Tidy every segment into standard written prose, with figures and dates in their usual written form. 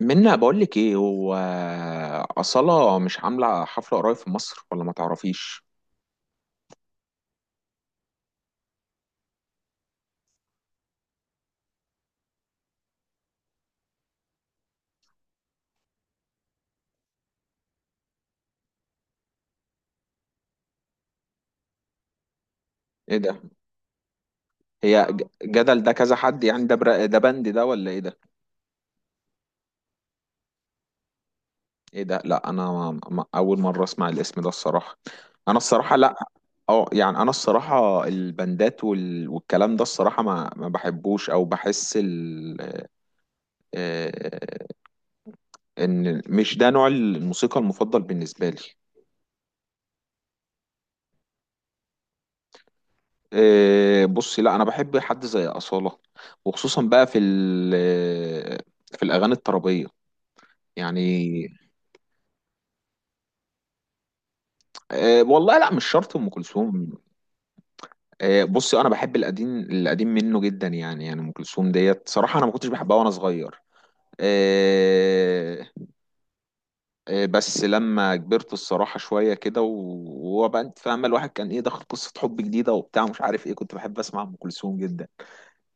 منا بقول لك ايه هو. أصالة مش عاملة حفلة قريب في مصر، ولا ما تعرفيش؟ ايه ده؟ هي جدل ده كذا حد؟ يعني ده ده بند ده ولا ايه ده؟ ايه ده؟ لا انا ما... ما... اول مرة اسمع الاسم ده الصراحة. انا الصراحة لا. اه يعني انا الصراحة البندات والكلام ده الصراحة ما بحبوش، او بحس ال... آه، ان مش ده نوع الموسيقى المفضل بالنسبة لي. بصي، لا انا بحب حد زي اصاله، وخصوصا بقى في في الاغاني الطربيه يعني. والله لا، مش شرط ام كلثوم. بصي انا بحب القديم، القديم منه جدا، يعني ام كلثوم ديت صراحه انا ما كنتش بحبها وانا صغير. إيه، إيه، بس لما كبرت الصراحه شويه كده وبقى انت فاهمه، الواحد كان ايه دخل قصه حب جديده وبتاع مش عارف ايه، كنت بحب اسمع ام كلثوم جدا.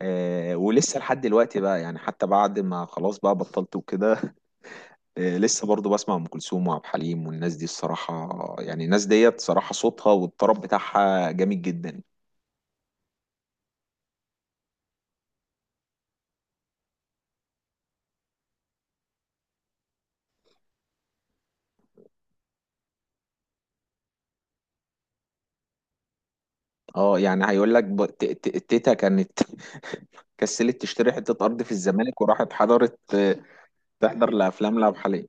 ولسه لحد دلوقتي بقى يعني، حتى بعد ما خلاص بقى بطلت وكده. لسه برضو بسمع ام كلثوم وعبد الحليم والناس دي الصراحه. يعني الناس ديت صراحه صوتها والطرب بتاعها جامد جدا. اه يعني هيقول لك تيتا كانت كسلت تشتري حته ارض في الزمالك وراحت حضرت تحضر لافلام لعبد الحليم.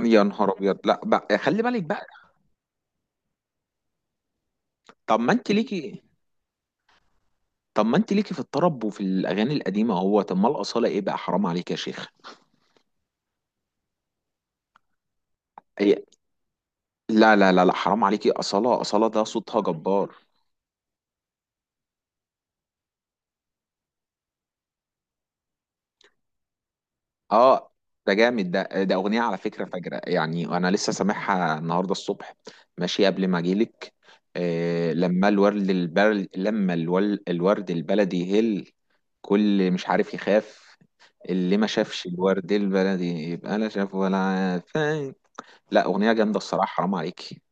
يا نهار ابيض! لا بقى، خلي بالك بقى. طب ما انت ليكي. طب ما انت ليكي في الطرب وفي الاغاني القديمه، هو طب ما الاصاله ايه بقى؟ حرام عليك يا شيخ. هي- لا لا لا لا، حرام عليكي، اصاله اصاله ده صوتها جبار. اه ده جامد، ده اغنيه على فكره فجره، يعني انا لسه سامعها النهارده الصبح ماشي قبل ما اجيلك. لما الورد البلدي يهل كل مش عارف يخاف، اللي ما شافش الورد البلدي يبقى لا شاف ولا عارف. لا اغنيه جامده الصراحه، حرام عليكي.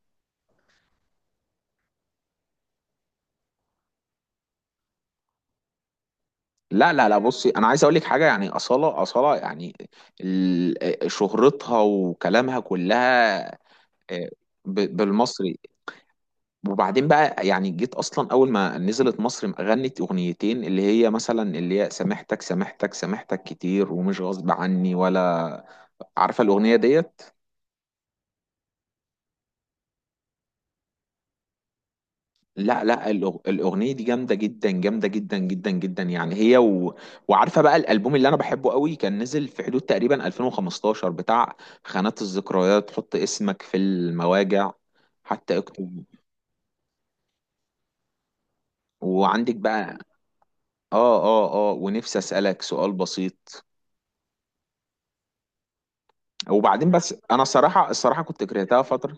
لا لا لا، بصي انا عايز اقول لك حاجه، يعني اصاله يعني شهرتها وكلامها كلها، آه، بالمصري. وبعدين بقى يعني، جيت اصلا اول ما نزلت مصر غنت اغنيتين، اللي هي مثلا اللي هي سامحتك سامحتك سامحتك كتير، ومش غصب عني، ولا عارفه الاغنيه ديت؟ لا لا، الاغنيه دي جامده جدا، جامده جدا جدا جدا يعني هي وعارفه بقى الالبوم اللي انا بحبه قوي كان نزل في حدود تقريبا 2015 بتاع خانات الذكريات، حط اسمك في المواجع، حتى اكتب. وعندك بقى. اه، اه، اه. ونفسي اسالك سؤال بسيط. وبعدين بس انا صراحه الصراحه كنت كرهتها فتره.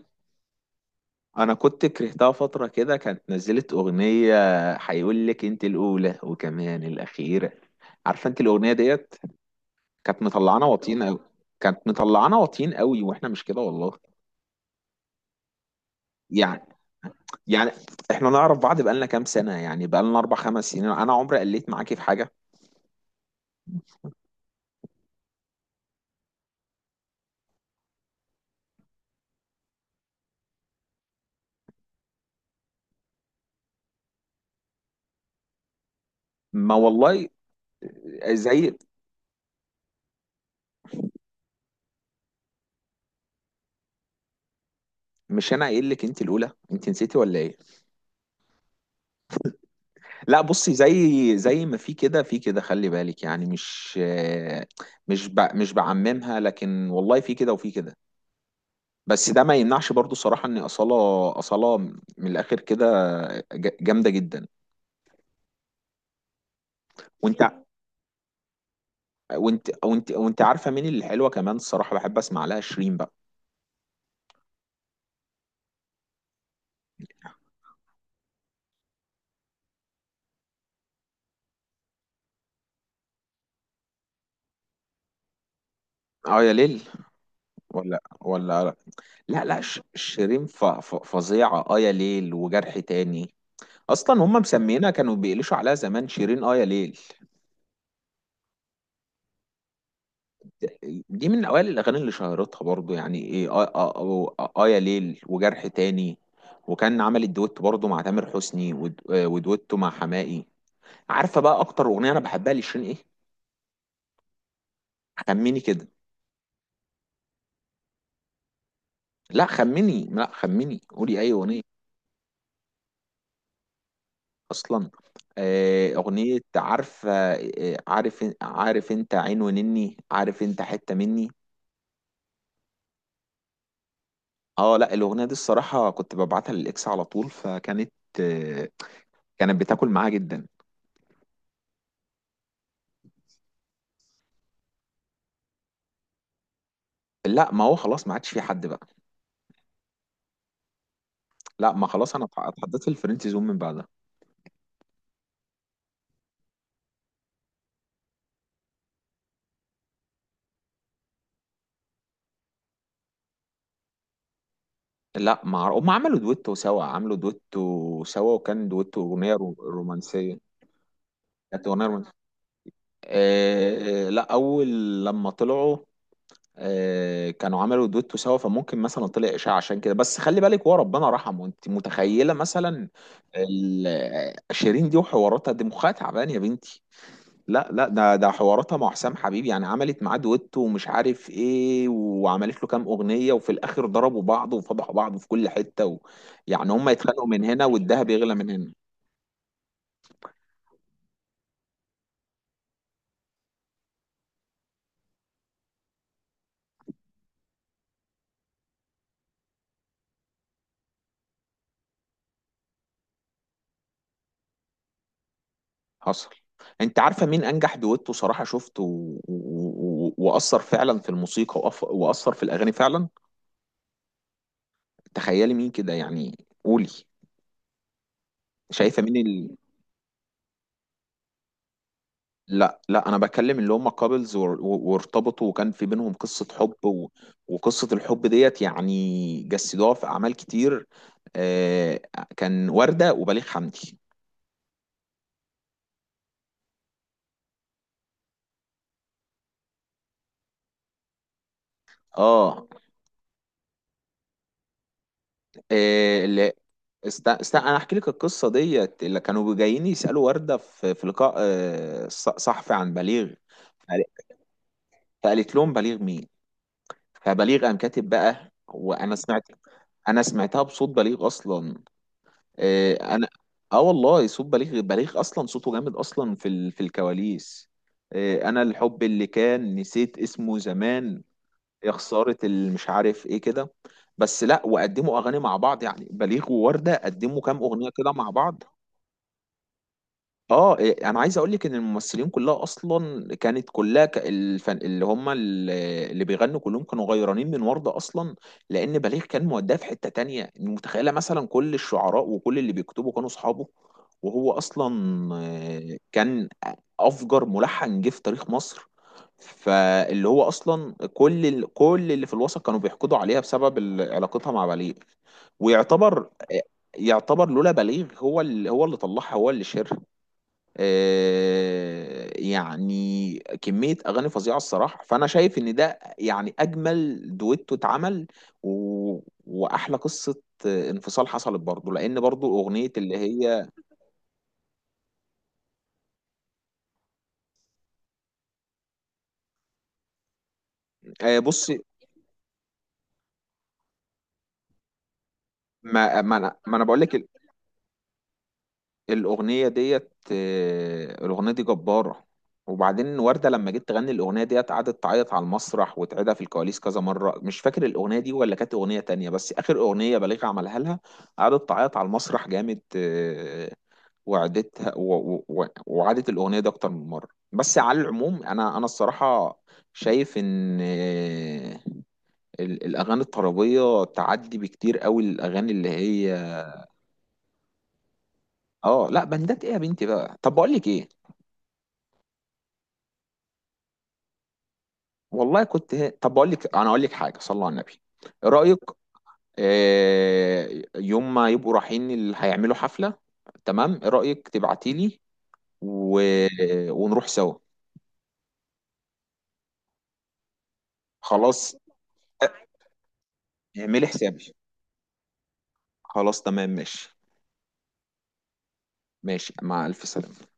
انا كنت كرهتها فتره، كده كانت نزلت اغنيه، هيقول لك انت الاولى وكمان الاخيره. عارفه انت الاغنيه ديت؟ كانت مطلعانا واطيين قوي كانت مطلعانا واطيين قوي، واحنا مش كده والله. يعني يعني احنا نعرف بعض بقالنا كام سنه، يعني بقالنا اربع خمس سنين، انا عمري قلت معاكي في حاجه. ما والله، زي، مش انا قايل لك انت الاولى؟ انت نسيتي ولا ايه؟ لا بصي، زي زي ما في كده في كده، خلي بالك يعني، مش بعممها، لكن والله في كده وفي كده. بس ده ما يمنعش برضو الصراحة ان أصالة، من الآخر كده جامدة جدا. وانت ع- وانت وانت وانت عارفة مين اللي حلوة كمان الصراحة؟ بحب اسمع لها شيرين بقى. اه يا ليل، ولا. لا لا، شيرين فظيعة، اه يا ليل وجرح تاني، اصلا هم مسمينها كانوا بيقلشوا عليها زمان شيرين اه يا ليل. دي من اوائل الاغاني اللي شهرتها برضو يعني، ايه، اه يا ليل وجرح تاني، وكان عمل الدويتو برضو مع تامر حسني ودويتو مع حماقي. عارفه بقى اكتر اغنيه انا بحبها لشيرين ايه؟ خمني كده. لا خمني، لا خمني، قولي اي اغنيه. اصلا اغنيه، عارفه عارف انت عين ونني، عارف انت حته مني. اه لا، الاغنيه دي الصراحه كنت ببعتها للاكس على طول، فكانت، آه، كانت بتاكل معاه جدا. لا ما هو خلاص، ما عادش في حد بقى. لا ما خلاص، انا اتحددت الفريند زون من بعدها. لا ما عر- هم عملوا دويتو سوا، وكان دويتو اغنيه رومانسيه، كانت اغنيه رومانسيه. لا، اول لما طلعوا كانوا عملوا دويتو سوا، فممكن مثلا طلع اشاعه عشان كده، بس خلي بالك هو ربنا رحمه، انت متخيله مثلا شيرين دي وحواراتها دي مخها تعبان يا بنتي؟ لا لا، ده حواراتها مع حسام حبيب، يعني عملت معاه دويتو ومش عارف ايه، وعملت له كام اغنيه، وفي الاخر ضربوا بعض وفضحوا بعض في كل حته يعني هم يتخانقوا من هنا، والدهب يغلى من هنا. حصل. انت عارفه مين انجح دويتو صراحه شفته، واثر فعلا في الموسيقى، واثر في الاغاني فعلا؟ تخيلي مين كده يعني. قولي، شايفه مين؟ لا لا، انا بكلم اللي هم كابلز وارتبطوا، وكان في بينهم قصة حب وقصة الحب ديت يعني جسدوها في اعمال كتير. آه كان وردة وبليغ حمدي. اه اللي انا احكي لك القصة ديت، اللي كانوا جايين يسألوا وردة في، لقاء صحفي عن بليغ، فقال- فقالت لهم بليغ مين. فبليغ قام كاتب بقى، وانا سمعت، انا سمعتها بصوت بليغ اصلا. آه، انا اه والله صوت بليغ، اصلا صوته جامد، اصلا في في الكواليس. انا الحب اللي كان نسيت اسمه زمان، يا خسارة، اللي مش عارف ايه كده. بس لا، وقدموا اغاني مع بعض يعني، بليغ ووردة قدموا كام اغنية كده مع بعض. اه إيه، انا عايز اقول لك ان الممثلين كلها اصلا كانت كلها الفن اللي هم، اللي بيغنوا كلهم كانوا غيرانين من وردة اصلا. لان بليغ كان موداه في حتة تانية، متخيلة مثلا، كل الشعراء وكل اللي بيكتبوا كانوا اصحابه، وهو اصلا كان افجر ملحن جه في تاريخ مصر. فاللي هو اصلا كل اللي في الوسط كانوا بيحقدوا عليها بسبب علاقتها مع بليغ. ويعتبر يعتبر لولا بليغ، هو اللي، طلعها، هو اللي شهرها. يعني كمية أغاني فظيعة الصراحة، فأنا شايف إن ده يعني أجمل دويتو اتعمل، و... وأحلى قصة انفصال حصلت برضه، لأن برضه أغنية اللي هي، بص. ما ما أنا ما أنا بقول لك الأغنية ديت، الأغنية دي جبارة. وبعدين وردة لما جيت تغني الأغنية ديت، قعدت تعيط على المسرح وتعيدها في الكواليس كذا مرة، مش فاكر الأغنية دي ولا كانت أغنية تانية، بس آخر أغنية بليغ عملها لها، قعدت تعيط على المسرح جامد، وعدتها وعادت الأغنية دي أكتر من مرة. بس على العموم أنا الصراحة شايف إن الأغاني الطربية تعدي بكتير قوي الأغاني اللي هي لا، بندات إيه يا بنتي بقى. طب بقول لك إيه، والله كنت طب بقول لك، اقول لك حاجه، صلى على النبي. إيه رايك؟ آه، يوم ما يبقوا رايحين اللي هيعملوا حفله، تمام، ايه رايك تبعتي لي، و... ونروح سوا؟ خلاص، اعملي حسابي. خلاص تمام ماشي، ماشي مع الف سلامه.